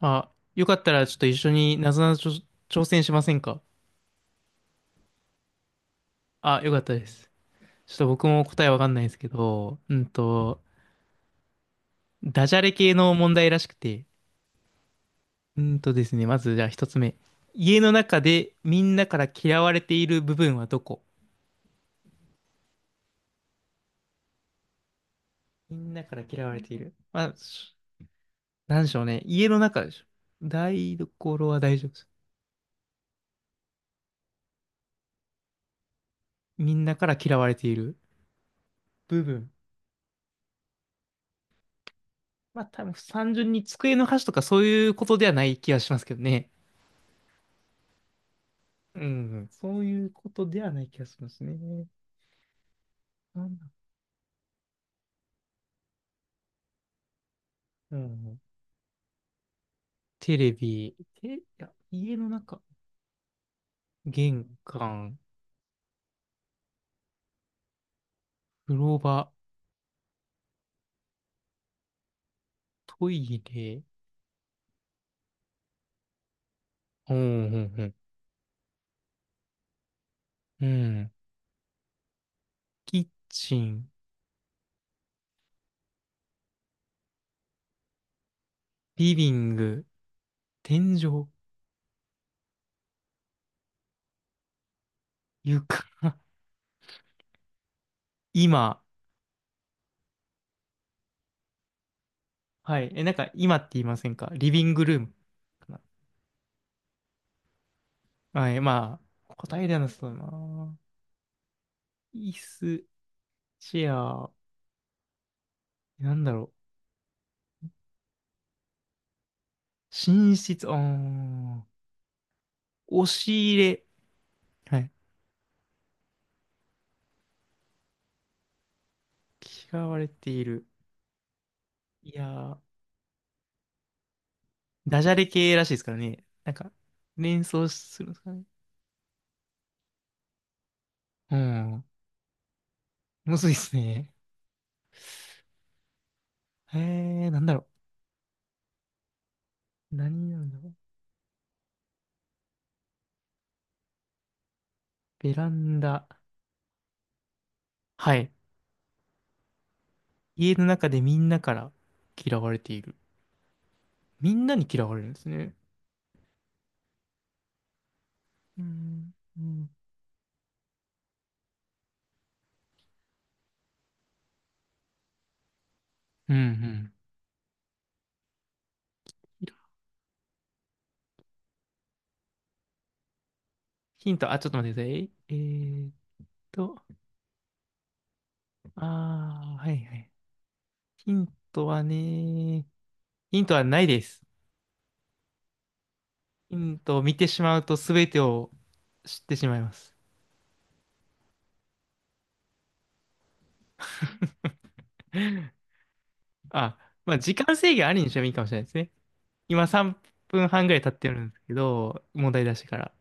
あ、よかったらちょっと一緒になぞなぞ挑戦しませんか？あ、よかったです。ちょっと僕も答えわかんないですけど、ダジャレ系の問題らしくて、うんとですね、まずじゃあ一つ目。家の中でみんなから嫌われている部分はどこ？みんなから嫌われている。まあ、なんでしょうね。家の中でしょ。台所は大丈夫です。みんなから嫌われている部分。まあ多分単純に机の端とかそういうことではない気がしますけどね。うん、そういうことではない気がしますね。なんだ、うん、テレビ、いや、家の中、玄関、風呂場、トイレ、うん、うん、うん、うんキッチン、リビング、天井、床、今、はい、え、なんか今って言いませんか？リビングルームかな。はい、まあ、答えではなさそうだな。椅子、チェア、なんだろう、寝室、押し入れ、はい。嫌われている。いやー、ダジャレ系らしいですからね。なんか、連想するんですかね。うん。むずいですね。へえー、なんだろう。何なんだろう。ベランダ。はい。家の中でみんなから嫌われている。みんなに嫌われるんですね。うん。うん。うんうんヒント、あ、ちょっと待ってください。と、あー、はいはい。ヒントはね、ヒントはないです。見てしまうと全てを知ってしまいます。あ、まあ、時間制限ありにしてもいいかもしれないですね。今3分半ぐらい経ってるんですけど、問題出してから。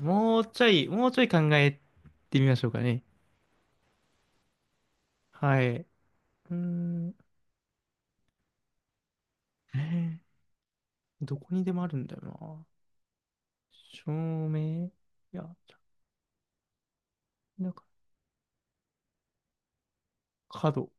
もうちょい、もうちょい考えてみましょうかね。はい。ーん、えーどこにでもあるんだよな。照明、いや、なんか、角、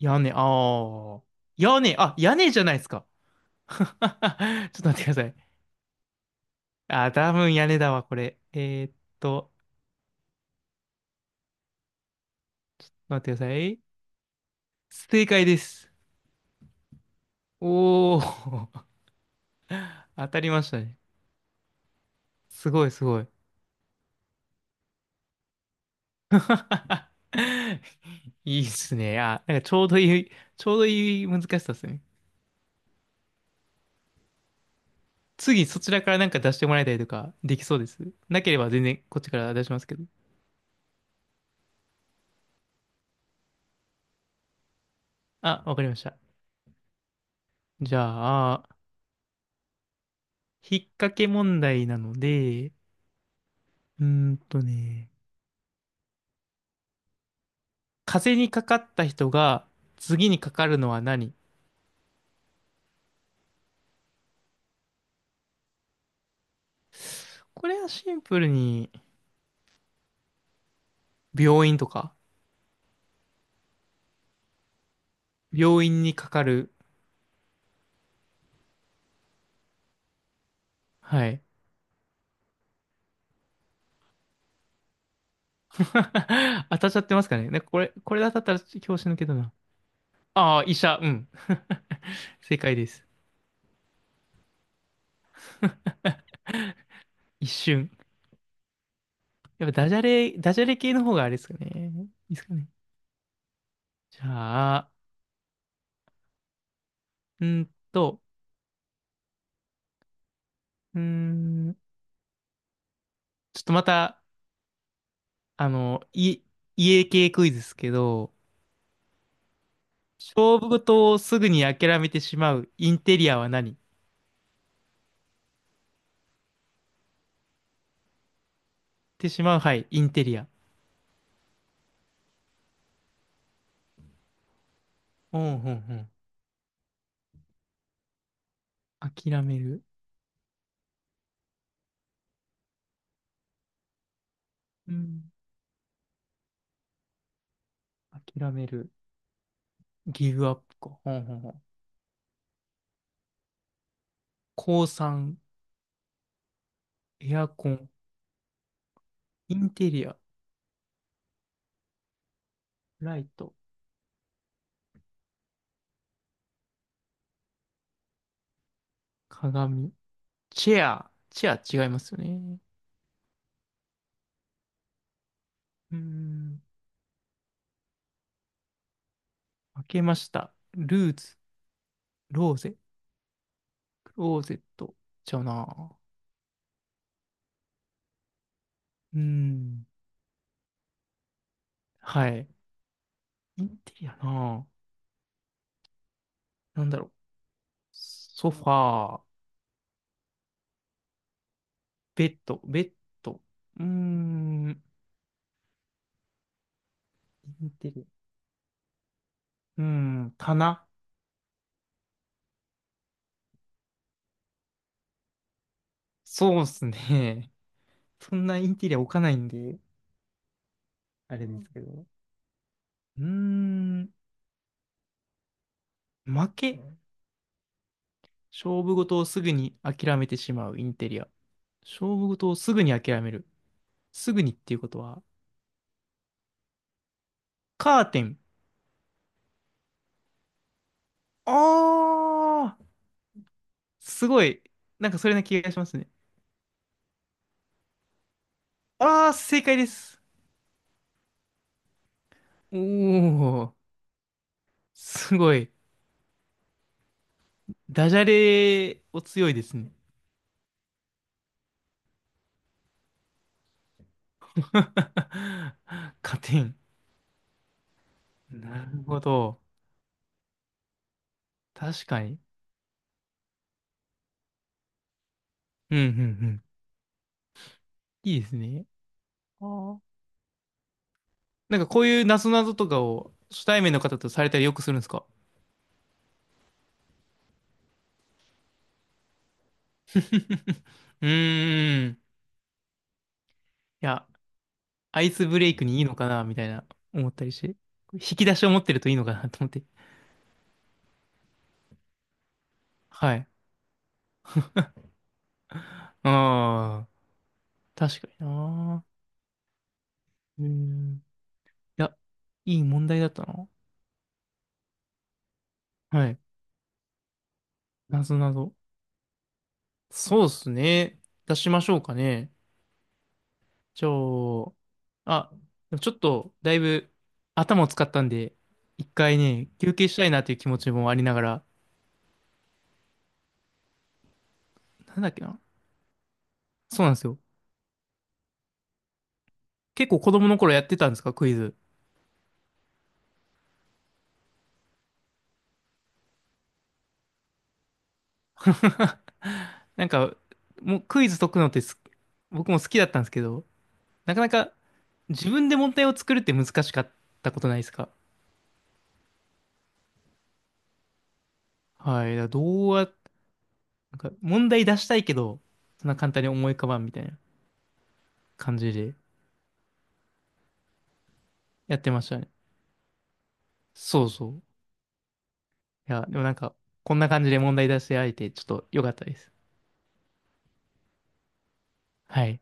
屋根、ああ、屋根、あ、屋根じゃないですか。ちょっと待ってください。あー、多分屋根だわ、これ。と、待ってください。正解です。おー、当たりましたね。すごいすごい。いいっすね。あ、なんかちょうどいい、ちょうどいい難しさですね。次そちらからなんか出してもらいたりとかできそうです。なければ全然こっちから出しますけど。あ、わかりました。じゃあ、引っ掛け問題なので、うーんとね、風邪にかかった人が次にかかるのは何？これはシンプルに病院とか、病院にかかる。はい。当たっちゃってますかね。ね、これで当たったら教師抜けどな。ああ、医者、うん。正解です。一瞬。やっぱダジャレ系の方があれですかね。いいですかね。じゃあ、うーんと、うーん、ちょっとまた、あの、い、家系クイズですけど、勝負事をすぐに諦めてしまうインテリアは何ってしまう、はい、インテリア。うんうんうん。諦める。うん。諦める。ギブアップか。うんうんうん。降参。エアコン、インテリア、ライト、鏡、チェア、チェア違いますよね。うーん、開けました。ルーズ、ローゼ、クローゼット、ちゃうな。うーん、はい。インテリアな。なんだろう。ソファー、ベッド、ベッド。うーん、インテリア。うーん、棚。そうっすね。そんなインテリア置かないんで、あれですけど。うーん、負け。勝負事をすぐに諦めてしまうインテリア。勝負事をすぐに諦める。すぐにっていうことは、カーテン。あー、すごい。なんかそれな気がしますね。あー、正解です。おー、すごい。ダジャレお強いですね。カーテン。なるほど。確かに。うん、うん、うん。いいですね。あーなんかこういうなぞなぞとかを初対面の方とされたりよくするんですか？うーん。いや、アイスブレイクにいいのかなみたいな思ったりして。引き出しを持ってるといいのかなと思って。はい。ああ、確かにな。うん。いや、いい問題だったな。はい。なぞなぞ。そうっすね。出しましょうかね。じゃあ、あ、でもちょっと、だいぶ頭を使ったんで、一回ね、休憩したいなという気持ちもありながら、なんだっけな。そうなんですよ。結構子供の頃やってたんですか、クイズ？なんか、もうクイズ解くのって僕も好きだったんですけど、なかなか自分で問題を作るって難しかったことないですか？はい。だからどうや、なんか問題出したいけど、そんな簡単に思い浮かばんみたいな感じでやってましたね。そうそう。いや、でもなんか、こんな感じで問題出してあえて、ちょっと良かったです。はい。